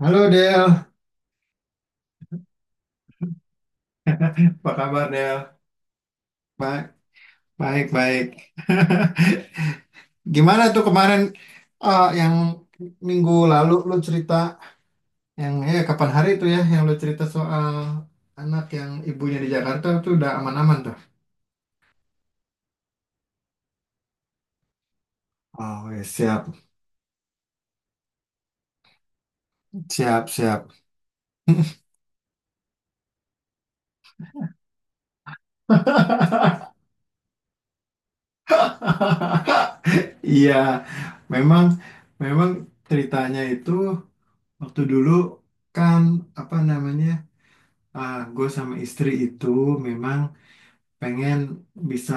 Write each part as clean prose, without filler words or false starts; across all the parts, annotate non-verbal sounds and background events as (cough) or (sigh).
Halo Del, apa kabar Del? Baik, baik, baik. (laughs) Gimana tuh kemarin yang minggu lalu lu cerita yang ya kapan hari itu ya yang lu cerita soal anak yang ibunya di Jakarta tuh udah aman-aman tuh. Oh, ya, siap, siap, siap. (laughs) Iya, memang memang ceritanya itu waktu dulu kan apa namanya? Ah gue sama istri itu memang pengen bisa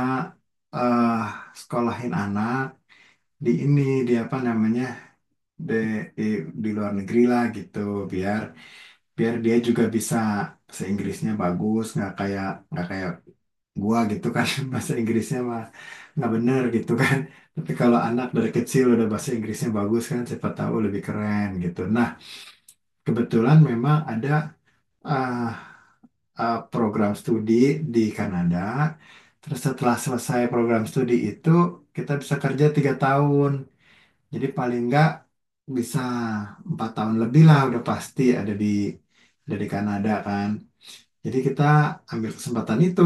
eh sekolahin anak di ini di apa namanya di, di di luar negeri lah gitu biar biar dia juga bisa bahasa Inggrisnya bagus nggak kayak gua gitu kan, (laughs) bahasa Inggrisnya mah nggak bener gitu kan, tapi kalau anak dari kecil udah bahasa Inggrisnya bagus kan siapa tahu lebih keren gitu. Nah kebetulan memang ada eh, program studi di Kanada. Terus setelah selesai program studi itu kita bisa kerja 3 tahun. Jadi paling nggak bisa 4 tahun lebih lah, udah pasti ada di Kanada kan. Jadi kita ambil kesempatan itu.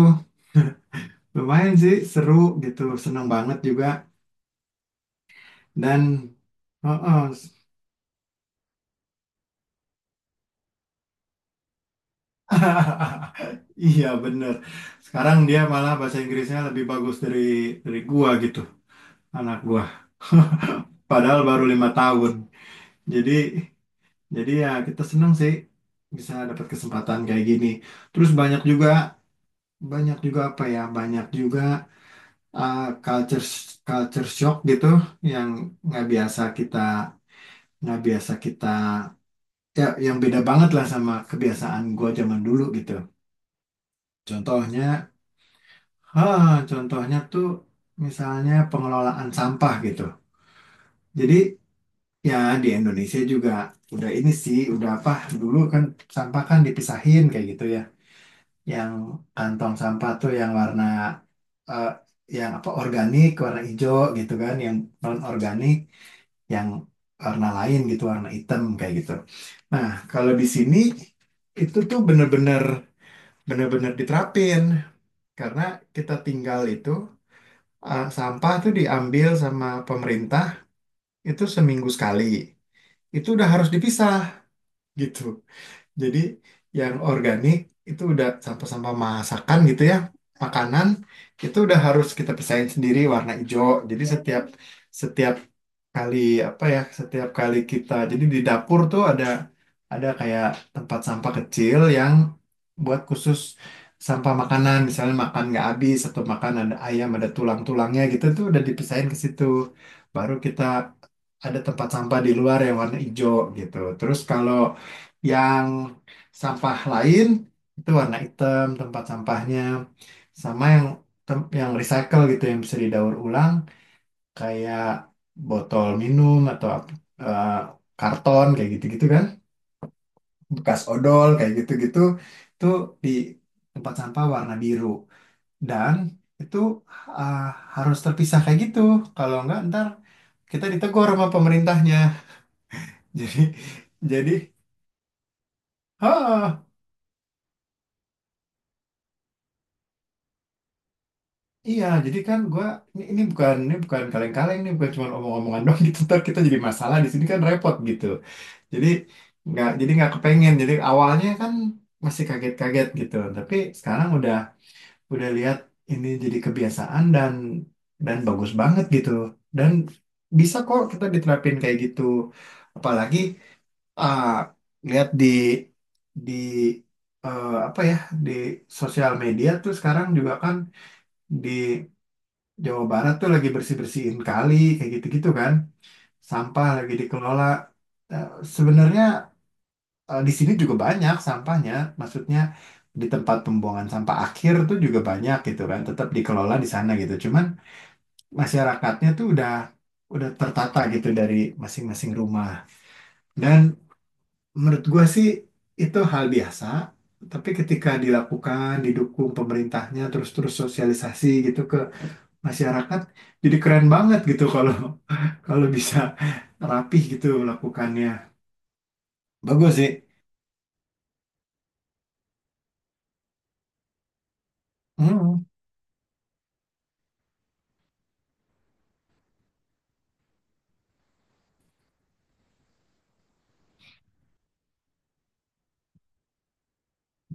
Lumayan sih seru gitu, seneng banget juga dan oh, oh. (laughs) Iya bener. Sekarang dia malah bahasa Inggrisnya lebih bagus dari gua gitu, anak gua. (laughs) Padahal baru 5 tahun. Jadi jadi ya kita senang sih bisa dapat kesempatan kayak gini. Terus banyak juga apa ya? Banyak juga culture culture shock gitu yang nggak biasa kita nggak biasa kita ya, yang beda banget lah sama kebiasaan gua zaman dulu gitu. Contohnya, ha, contohnya tuh misalnya pengelolaan sampah gitu. Jadi ya di Indonesia juga udah ini sih udah apa dulu kan sampah kan dipisahin kayak gitu ya. Yang kantong sampah tuh yang warna eh, yang apa organik warna hijau gitu kan, yang non organik yang warna lain gitu warna hitam kayak gitu. Nah kalau di sini itu tuh bener-bener diterapin karena kita tinggal itu. Sampah tuh diambil sama pemerintah itu seminggu sekali, itu udah harus dipisah gitu. Jadi yang organik itu udah sampah-sampah masakan gitu ya, makanan, itu udah harus kita pisahin sendiri warna hijau. Jadi setiap setiap kali apa ya, setiap kali kita jadi di dapur tuh ada kayak tempat sampah kecil yang buat khusus sampah makanan, misalnya makan nggak habis atau makan ada ayam ada tulang-tulangnya gitu tuh udah dipisahin ke situ. Baru kita ada tempat sampah di luar yang warna hijau gitu. Terus kalau yang sampah lain itu warna hitam tempat sampahnya. Sama yang yang recycle gitu yang bisa didaur ulang kayak botol minum atau eh, karton kayak gitu-gitu kan. Bekas odol kayak gitu-gitu itu di tempat sampah warna biru. Dan itu ah, harus terpisah kayak gitu. Kalau enggak ntar kita ditegur sama pemerintahnya. (laughs) Jadi jadi ha Iya, jadi kan gua ini, ini bukan kaleng-kaleng, ini bukan cuma omong-omongan (laughs) doang gitu. Ntar kita jadi masalah di sini kan repot gitu. Jadi jadi nggak kepengen. Jadi awalnya kan masih kaget-kaget gitu, tapi sekarang udah lihat ini jadi kebiasaan dan bagus banget gitu. Dan bisa kok kita diterapin kayak gitu. Apalagi ah, lihat di apa ya di sosial media tuh sekarang juga kan di Jawa Barat tuh lagi bersih-bersihin kali kayak gitu-gitu kan. Sampah lagi dikelola. Eh, Sebenarnya di sini juga banyak sampahnya. Maksudnya di tempat pembuangan sampah akhir tuh juga banyak gitu kan. Tetap dikelola di sana gitu. Cuman masyarakatnya tuh udah tertata gitu dari masing-masing rumah. Dan menurut gua sih itu hal biasa. Tapi ketika dilakukan, didukung pemerintahnya, terus-terus sosialisasi gitu ke masyarakat jadi keren banget gitu kalau (laughs) kalau bisa rapih gitu lakukannya. Bagus sih. Hmm,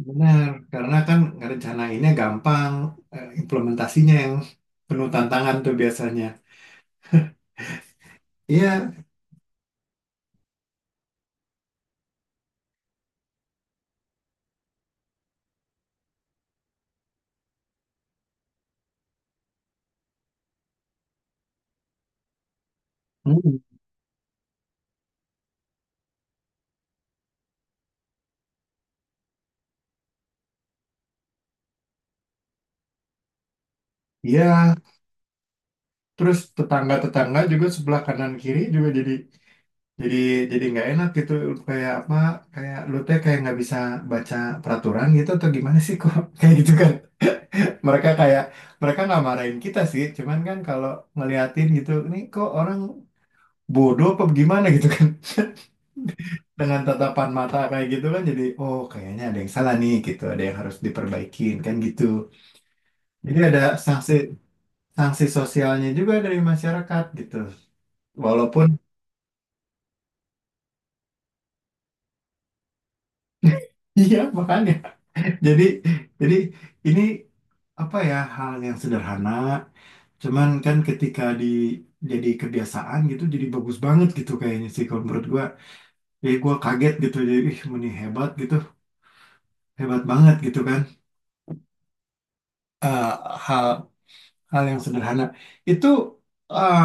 benar. Karena kan ngerencanainnya gampang, implementasinya yang penuh tantangan tuh biasanya. Iya. Hmm, iya. Terus tetangga-tetangga juga sebelah kanan kiri juga jadi jadi nggak enak gitu. Kayak apa? Kayak lu teh kayak nggak bisa baca peraturan gitu atau gimana sih kok (laughs) kayak gitu kan? Mereka kayak mereka nggak marahin kita sih cuman kan kalau ngeliatin gitu nih kok orang bodoh apa gimana gitu kan, (laughs) dengan tatapan mata kayak gitu kan, jadi oh kayaknya ada yang salah nih gitu ada yang harus diperbaikin kan gitu. Jadi ada sanksi sanksi sosialnya juga dari masyarakat gitu walaupun (laughs) iya makanya jadi jadi ini apa ya, hal yang sederhana cuman kan ketika di jadi kebiasaan gitu jadi bagus banget gitu kayaknya sih kalau menurut gua. Jadi gue kaget gitu, jadi ih Muni hebat gitu, hebat banget gitu kan. Eh, hal hal yang sederhana itu eh,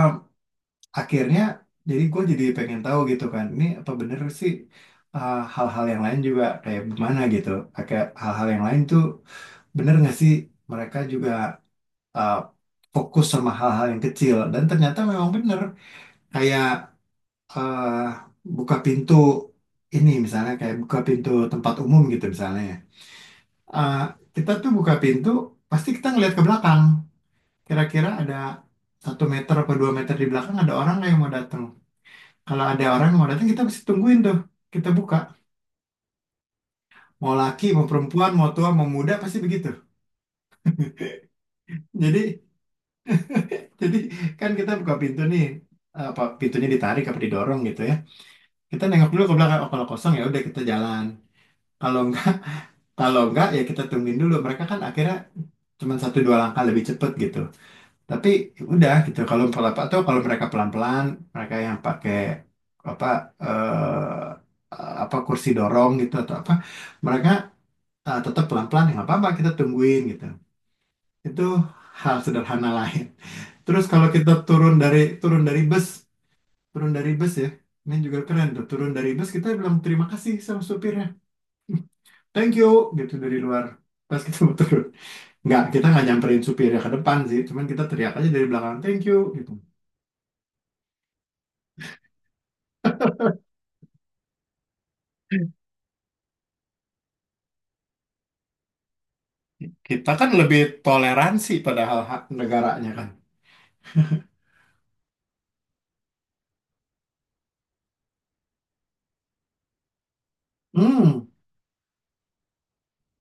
akhirnya jadi gue jadi pengen tahu gitu kan, ini apa bener sih hal-hal yang lain juga kayak gimana gitu. Kayak hal-hal yang lain tuh bener nggak sih mereka juga eh, fokus sama hal-hal yang kecil dan ternyata memang bener kayak eh, buka pintu ini misalnya, kayak buka pintu tempat umum gitu misalnya. Ya. eh, Kita tuh buka pintu, pasti kita ngeliat ke belakang. Kira-kira ada 1 meter atau 2 meter di belakang ada orang nggak yang mau datang. Kalau ada orang yang mau datang, kita pasti tungguin tuh. Kita buka. Mau laki, mau perempuan, mau tua, mau muda, pasti begitu. (laughs) Jadi, jadi kan kita buka pintu nih. Apa pintunya ditarik apa didorong gitu ya. Kita nengok dulu ke belakang. Oh, kalau kosong ya udah kita jalan. Kalau nggak, (laughs) kalau nggak ya kita tungguin dulu. Mereka kan akhirnya cuma satu dua langkah lebih cepet gitu. Tapi udah gitu kalau pelan atau kalau mereka pelan-pelan, mereka yang pakai apa eh, apa kursi dorong gitu atau apa, mereka tetap pelan-pelan ya nggak apa-apa kita tungguin gitu. Itu hal sederhana lain. Terus kalau kita turun dari bus ya. Ini juga keren tuh, turun dari bus kita bilang terima kasih sama supirnya. Thank you gitu dari luar, pas kita mau turun. Nggak, kita nggak nyamperin supirnya ke depan sih, cuman kita teriak aja dari belakang, thank you gitu. Kita kan lebih toleransi padahal hak negaranya kan. Hmm,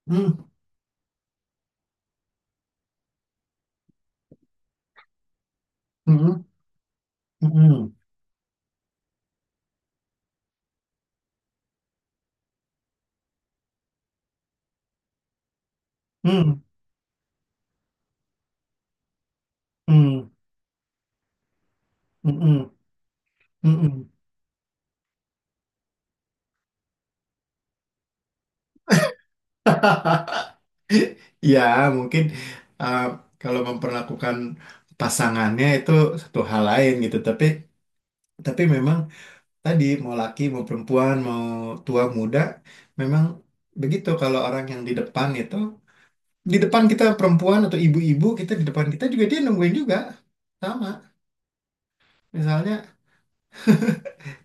hmm, hmm, hmm, hmm, hmm, hmm, hmm, hmm. (laughs) Ya, mungkin uh, kalau memperlakukan pasangannya itu satu hal lain gitu. Tapi memang tadi mau laki mau perempuan mau tua muda memang begitu, kalau orang yang di depan itu di depan kita perempuan atau ibu-ibu, kita di depan kita juga dia nungguin juga sama. Misalnya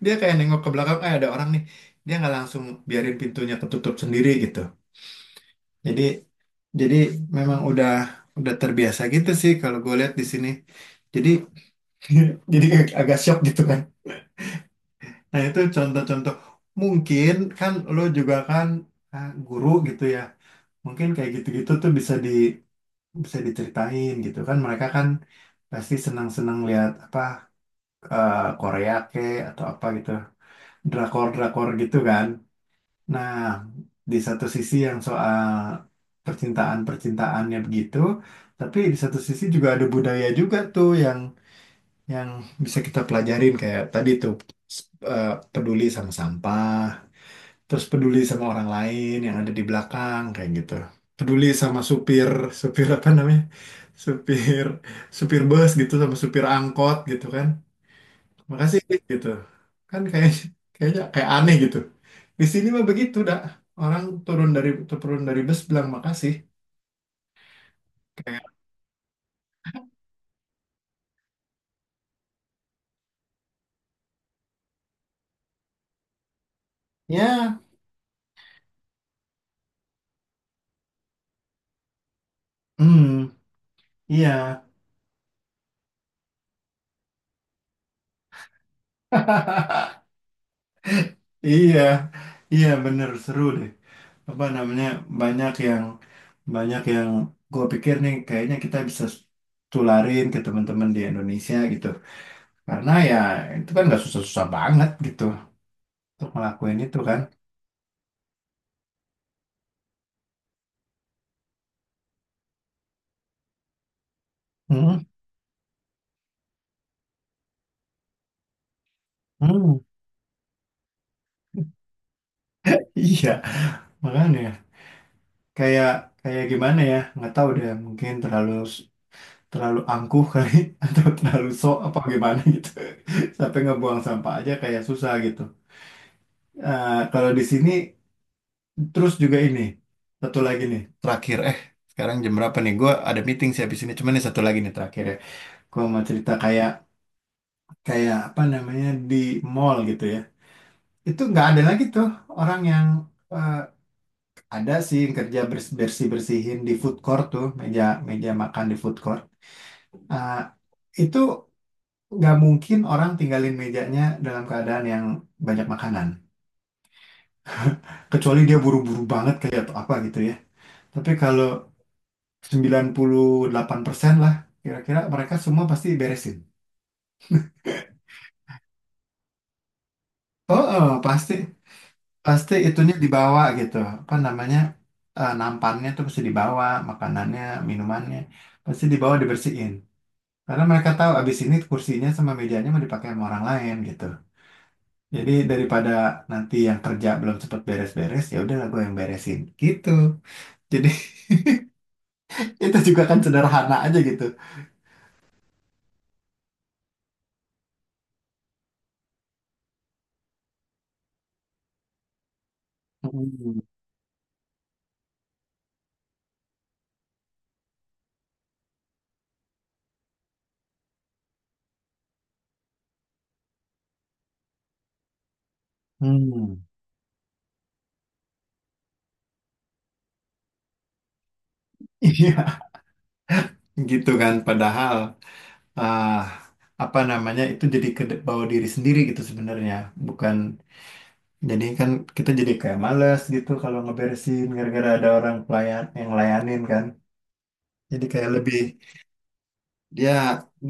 dia kayak nengok ke belakang, eh ada orang nih. Dia nggak langsung biarin pintunya ketutup sendiri gitu. Jadi jadi memang udah terbiasa gitu sih kalau gue lihat di sini. Jadi (laughs) jadi agak shock gitu kan. Nah itu contoh-contoh, mungkin kan lo juga kan guru gitu ya. Mungkin kayak gitu-gitu tuh bisa diceritain gitu kan. Mereka kan pasti senang-senang lihat apa eh, Korea ke atau apa gitu. Drakor-drakor gitu kan. Nah, di satu sisi yang soal percintaan-percintaannya begitu, tapi di satu sisi juga ada budaya juga tuh yang bisa kita pelajarin, kayak tadi tuh s- eh, peduli sama sampah, terus peduli sama orang lain yang ada di belakang kayak gitu. Peduli sama supir, supir apa namanya? Supir Supir bus gitu sama supir angkot gitu kan, makasih gitu kan. Kayak kayaknya kayak aneh gitu, di sini mah begitu dah, orang turun dari bus bilang makasih. Kayak ya hmm iya (laughs) iya iya, bener seru deh, apa namanya, banyak yang banyak yang gue pikir nih, kayaknya kita bisa tularin ke teman-teman di Indonesia gitu, karena ya itu kan nggak susah-susah banget gitu untuk ngelakuin itu kan. Hmm, hmm. Iya makanya kayak kayak gimana ya, nggak tahu deh mungkin terlalu terlalu angkuh kali (laughs) atau terlalu sok apa gimana gitu, (laughs) sampai ngebuang sampah aja kayak susah gitu. Kalau di sini terus juga ini satu lagi nih terakhir, sekarang jam berapa nih, gue ada meeting sih habis ini, cuman nih satu lagi nih terakhir ya, gue mau cerita kayak kayak apa namanya di mall gitu ya. Itu nggak ada lagi tuh orang yang eh, ada sih yang kerja bersih bersihin di food court tuh, meja meja makan di food court. Nah, itu nggak mungkin orang tinggalin mejanya dalam keadaan yang banyak makanan. Kecuali dia buru-buru banget kayak atau apa gitu ya. Tapi kalau 98% lah kira-kira mereka semua pasti beresin. Oh, oh, pasti pasti itunya dibawa gitu. Apa namanya? Nampannya tuh pasti dibawa, makanannya, minumannya pasti dibawa dibersihin. Karena mereka tahu abis ini kursinya sama mejanya mau dipakai sama orang lain gitu. Jadi daripada nanti yang kerja belum cepet beres-beres, ya udahlah gue yang beresin gitu. Jadi (laughs) itu juga kan sederhana aja gitu. Hmm. Hmm. Iya, gitu kan. Padahal ah apa namanya itu jadi ke bawa diri sendiri gitu sebenarnya. Bukan, jadi kan kita jadi kayak males gitu kalau ngeberesin gara-gara ada orang pelayan yang layanin kan. Jadi kayak lebih ya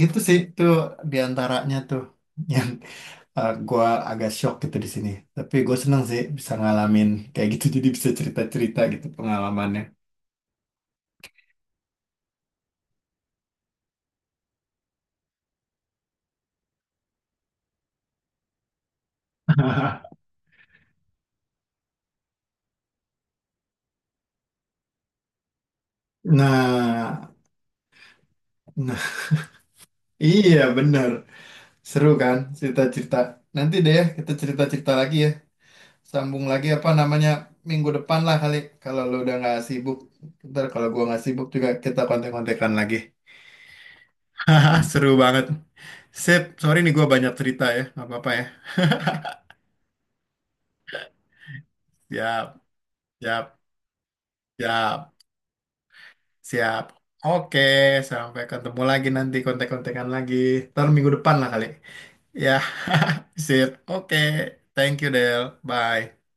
gitu sih tuh, diantaranya tuh yang gua agak shock gitu di sini. Tapi gue seneng sih bisa ngalamin kayak gitu, jadi bisa cerita-cerita gitu pengalamannya. (laughs) Nah, nah, iya bener. Seru kan cerita-cerita. Nanti deh ya, kita cerita-cerita lagi ya. Sambung lagi apa namanya minggu depan lah kali, kalau lu udah nggak sibuk. Ntar kalau gua nggak sibuk juga kita kontek-kontekan lagi. (laughs) Ah, seru banget. Sip, sorry nih gua banyak cerita ya. Nggak apa-apa ya. Siap, siap, siap. Siap. Oke, sampai ketemu lagi, nanti kontek-kontekan lagi. Ntar minggu depan lah kali. Ya, sip. Oke, thank you Del. Bye.